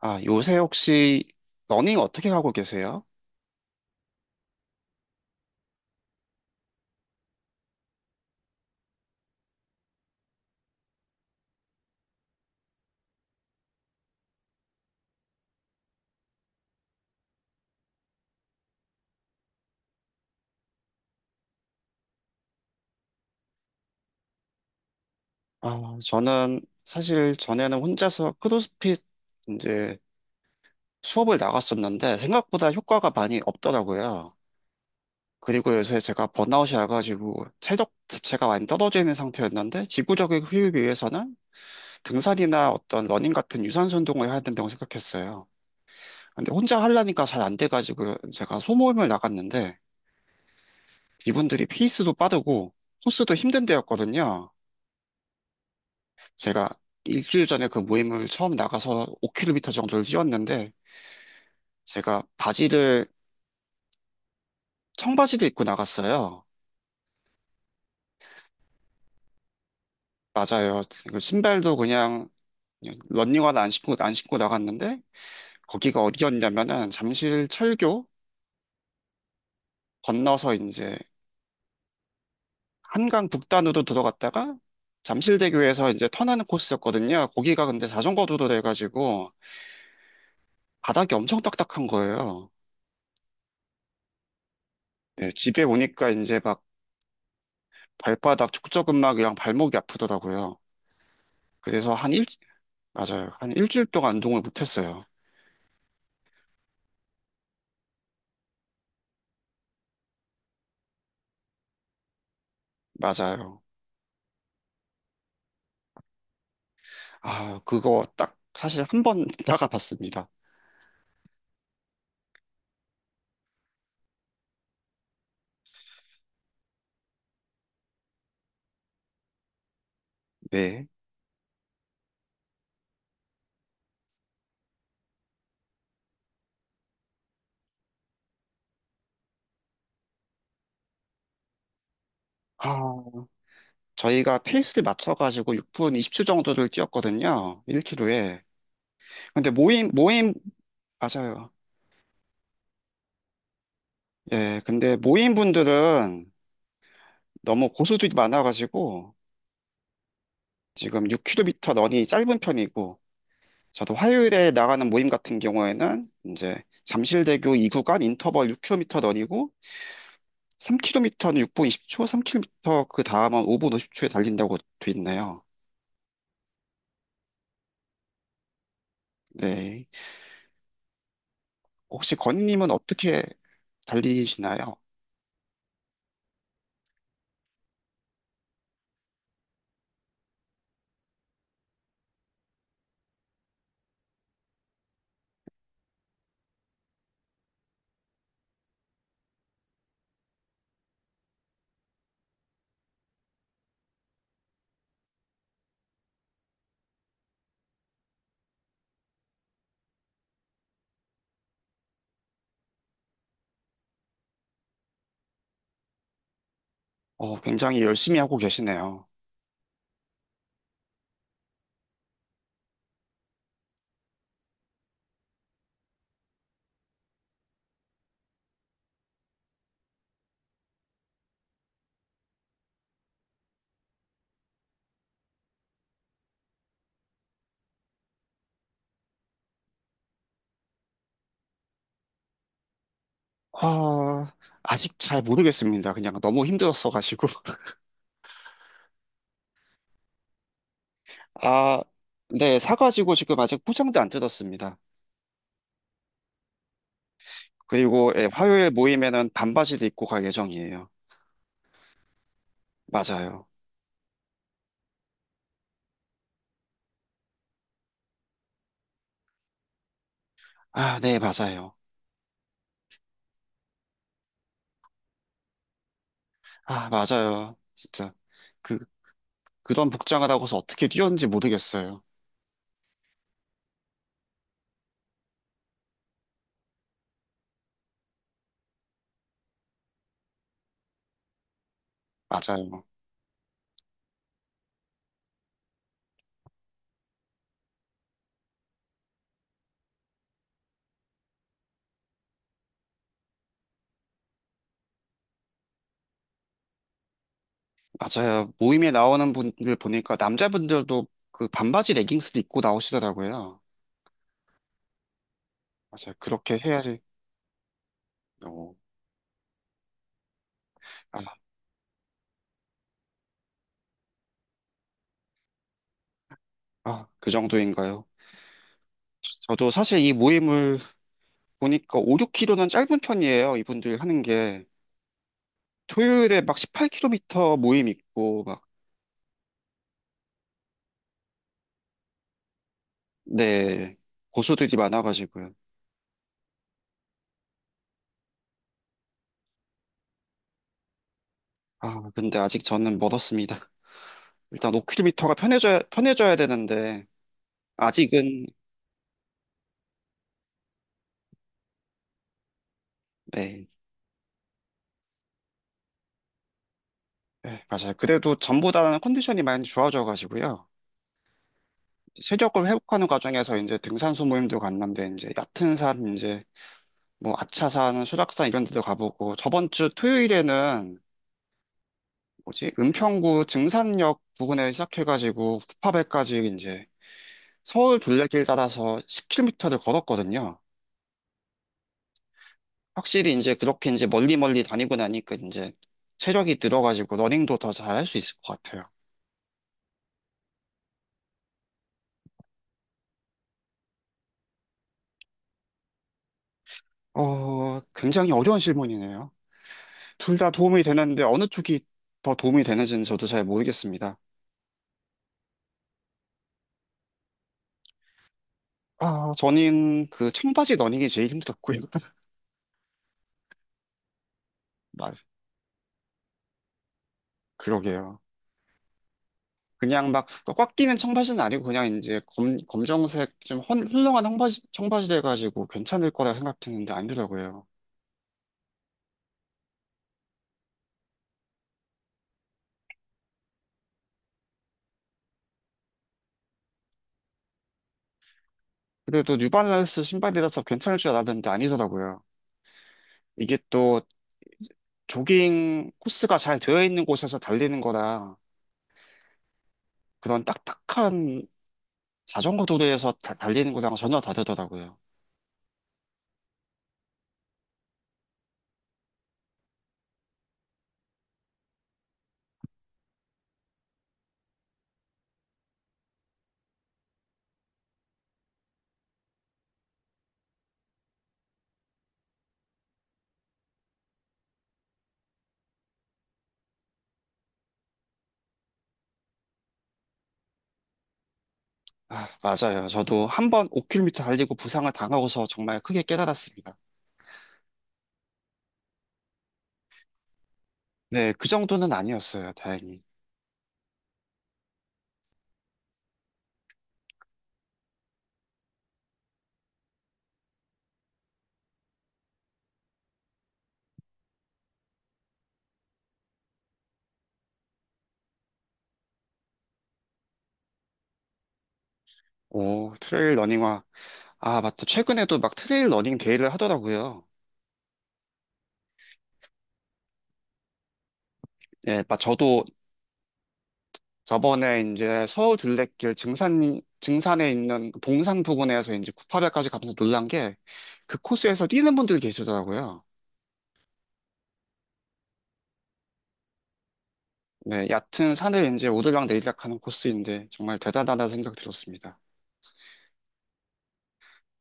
아, 요새 혹시 러닝 어떻게 하고 계세요? 아, 저는 사실 전에는 혼자서 크로스핏 이제 수업을 나갔었는데 생각보다 효과가 많이 없더라고요. 그리고 요새 제가 번아웃이 와가지고 체력 자체가 많이 떨어져 있는 상태였는데 지구적인 휴익을 위해서는 등산이나 어떤 러닝 같은 유산소 운동을 해야 된다고 생각했어요. 근데 혼자 하려니까 잘 안 돼가지고 제가 소모임을 나갔는데 이분들이 페이스도 빠르고 코스도 힘든 데였거든요. 제가 일주일 전에 그 모임을 처음 나가서 5km 정도를 뛰었는데 제가 바지를 청바지도 입고 나갔어요. 맞아요. 그 신발도 그냥 런닝화는 안 신고 나갔는데 거기가 어디였냐면은 잠실 철교 건너서 이제 한강 북단으로 들어갔다가 잠실대교에서 이제 턴하는 코스였거든요. 거기가 근데 자전거 도로 돼가지고 바닥이 엄청 딱딱한 거예요. 네, 집에 오니까 이제 막 발바닥 족저근막이랑 발목이 아프더라고요. 그래서 맞아요. 한 일주일 동안 운동을 못했어요. 맞아요. 아, 그거 딱 사실 한 번 나가 봤습니다. 네. 아, 저희가 페이스를 맞춰가지고 6분 20초 정도를 뛰었거든요. 1km에. 근데 맞아요. 예, 근데 모임 분들은 너무 고수들이 많아가지고 지금 6km 런이 짧은 편이고 저도 화요일에 나가는 모임 같은 경우에는 이제 잠실대교 2구간 인터벌 6km 런이고 3km는 6분 20초, 3km 그 다음은 5분 50초에 달린다고 돼 있네요. 네. 혹시 건희님은 어떻게 달리시나요? 어, 굉장히 열심히 하고 계시네요. 아, 아직 잘 모르겠습니다. 그냥 너무 힘들었어가지고. 아, 네, 사가지고 지금 아직 포장도 안 뜯었습니다. 그리고 예, 화요일 모임에는 반바지도 입고 갈 예정이에요. 맞아요. 아, 네, 맞아요. 아, 맞아요. 진짜. 그, 그런 복장을 하고서 어떻게 뛰었는지 모르겠어요. 맞아요. 맞아요. 모임에 나오는 분들 보니까 남자분들도 그 반바지 레깅스도 입고 나오시더라고요. 맞아요. 그렇게 해야지. 어, 아, 아, 그 정도인가요? 저도 사실 이 모임을 보니까 5, 6km는 짧은 편이에요. 이분들 하는 게. 토요일에 막 18km 모임 있고, 막, 네, 고수들이 많아가지고요. 아, 근데 아직 저는 멀었습니다. 일단 5km가 편해져야 되는데, 아직은. 네. 네, 맞아요. 그래도 전보다는 컨디션이 많이 좋아져가지고요. 체력을 회복하는 과정에서 이제 등산소 모임도 갔는데, 이제 얕은 산, 이제 뭐 아차산, 수락산 이런 데도 가보고, 저번 주 토요일에는 뭐지, 은평구 증산역 부근에 시작해가지고 구파발까지 이제 서울 둘레길 따라서 10km를 걸었거든요. 확실히 이제 그렇게 이제 멀리 멀리 다니고 나니까 이제 체력이 늘어가지고 러닝도 더 잘할 수 있을 것 같아요. 어, 굉장히 어려운 질문이네요. 둘 다 도움이 되는데 어느 쪽이 더 도움이 되는지는 저도 잘 모르겠습니다. 아, 저는 그 청바지 러닝이 제일 힘들었고요. 맞, 그러게요. 그냥 막 꽉 끼는 청바지는 아니고 그냥 이제 검정색 좀 헐렁한 청바지 가지고 괜찮을 거라 생각했는데 아니더라고요. 그래도 뉴발란스 신발이라서 괜찮을 줄 알았는데 아니더라고요. 이게 또 조깅 코스가 잘 되어 있는 곳에서 달리는 거랑 그런 딱딱한 자전거 도로에서 달리는 거랑 전혀 다르더라고요. 아, 맞아요. 저도 한 번 5km 달리고 부상을 당하고서 정말 크게 깨달았습니다. 네, 그 정도는 아니었어요. 다행히. 오, 트레일 러닝화. 아, 맞다. 최근에도 막 트레일 러닝 데이를 하더라고요. 네, 막 저도 저번에 이제 서울 둘레길 증산에 있는 그 봉산 부근에서 이제 구파발까지 가면서 놀란 게 그 코스에서 뛰는 분들이 계시더라고요. 네, 얕은 산을 이제 오르락 내리락 하는 코스인데 정말 대단하다는 생각 들었습니다.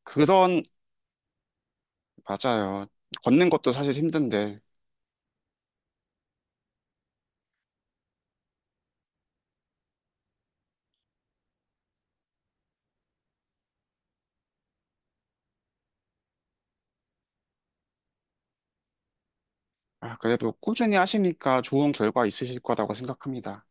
그런, 맞아요. 걷는 것도 사실 힘든데 아, 그래도 꾸준히 하시니까 좋은 결과 있으실 거라고 생각합니다.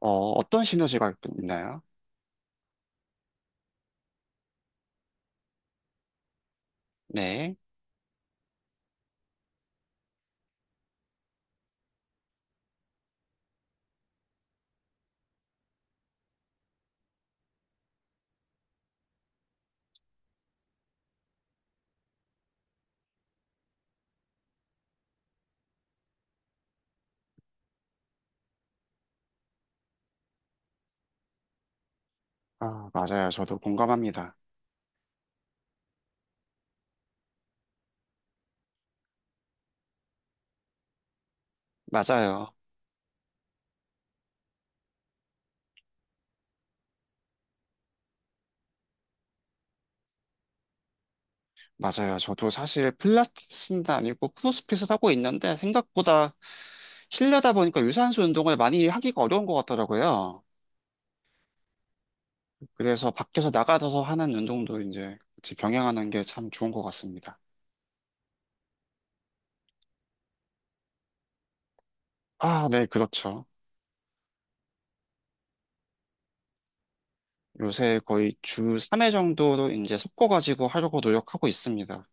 어, 어떤 시너지가 있나요? 네. 아, 맞아요. 저도 공감합니다. 맞아요. 맞아요. 저도 사실 필라테스는 아니고 크로스핏을 하고 있는데 생각보다 실내다 보니까 유산소 운동을 많이 하기가 어려운 것 같더라고요. 그래서 밖에서 나가서 하는 운동도 이제 같이 병행하는 게 참 좋은 것 같습니다. 아, 네, 그렇죠. 요새 거의 주 3회 정도로 이제 섞어가지고 하려고 노력하고 있습니다.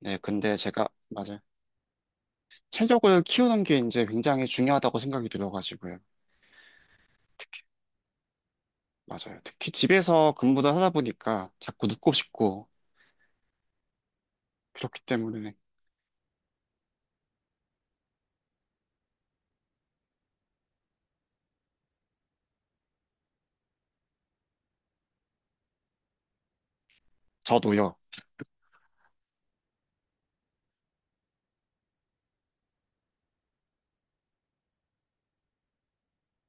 네, 근데 맞아요. 체력을 키우는 게 이제 굉장히 중요하다고 생각이 들어가지고요. 특히, 맞아요. 특히 집에서 근무를 하다 보니까 자꾸 눕고 싶고, 그렇기 때문에. 저도요.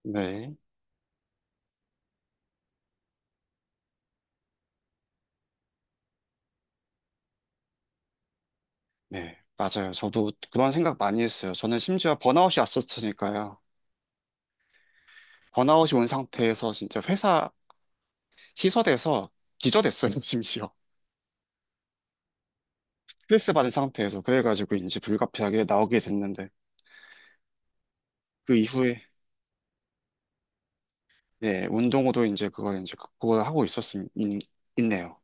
네, 네, 맞아요. 저도 그런 생각 많이 했어요. 저는 심지어 번아웃이 왔었으니까요. 번아웃이 온 상태에서 진짜 회사 시설에서 기절했어요, 심지어. 스트레스 받은 상태에서. 그래가지고 이제 불가피하게 나오게 됐는데, 그 이후에, 네, 운동으로 이제 그걸 이제 극복을 하고 있네요.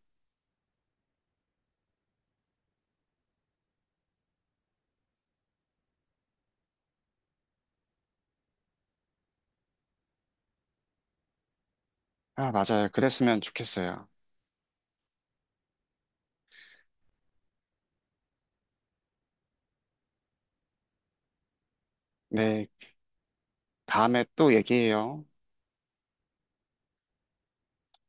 아, 맞아요. 그랬으면 좋겠어요. 네, 다음에 또 얘기해요.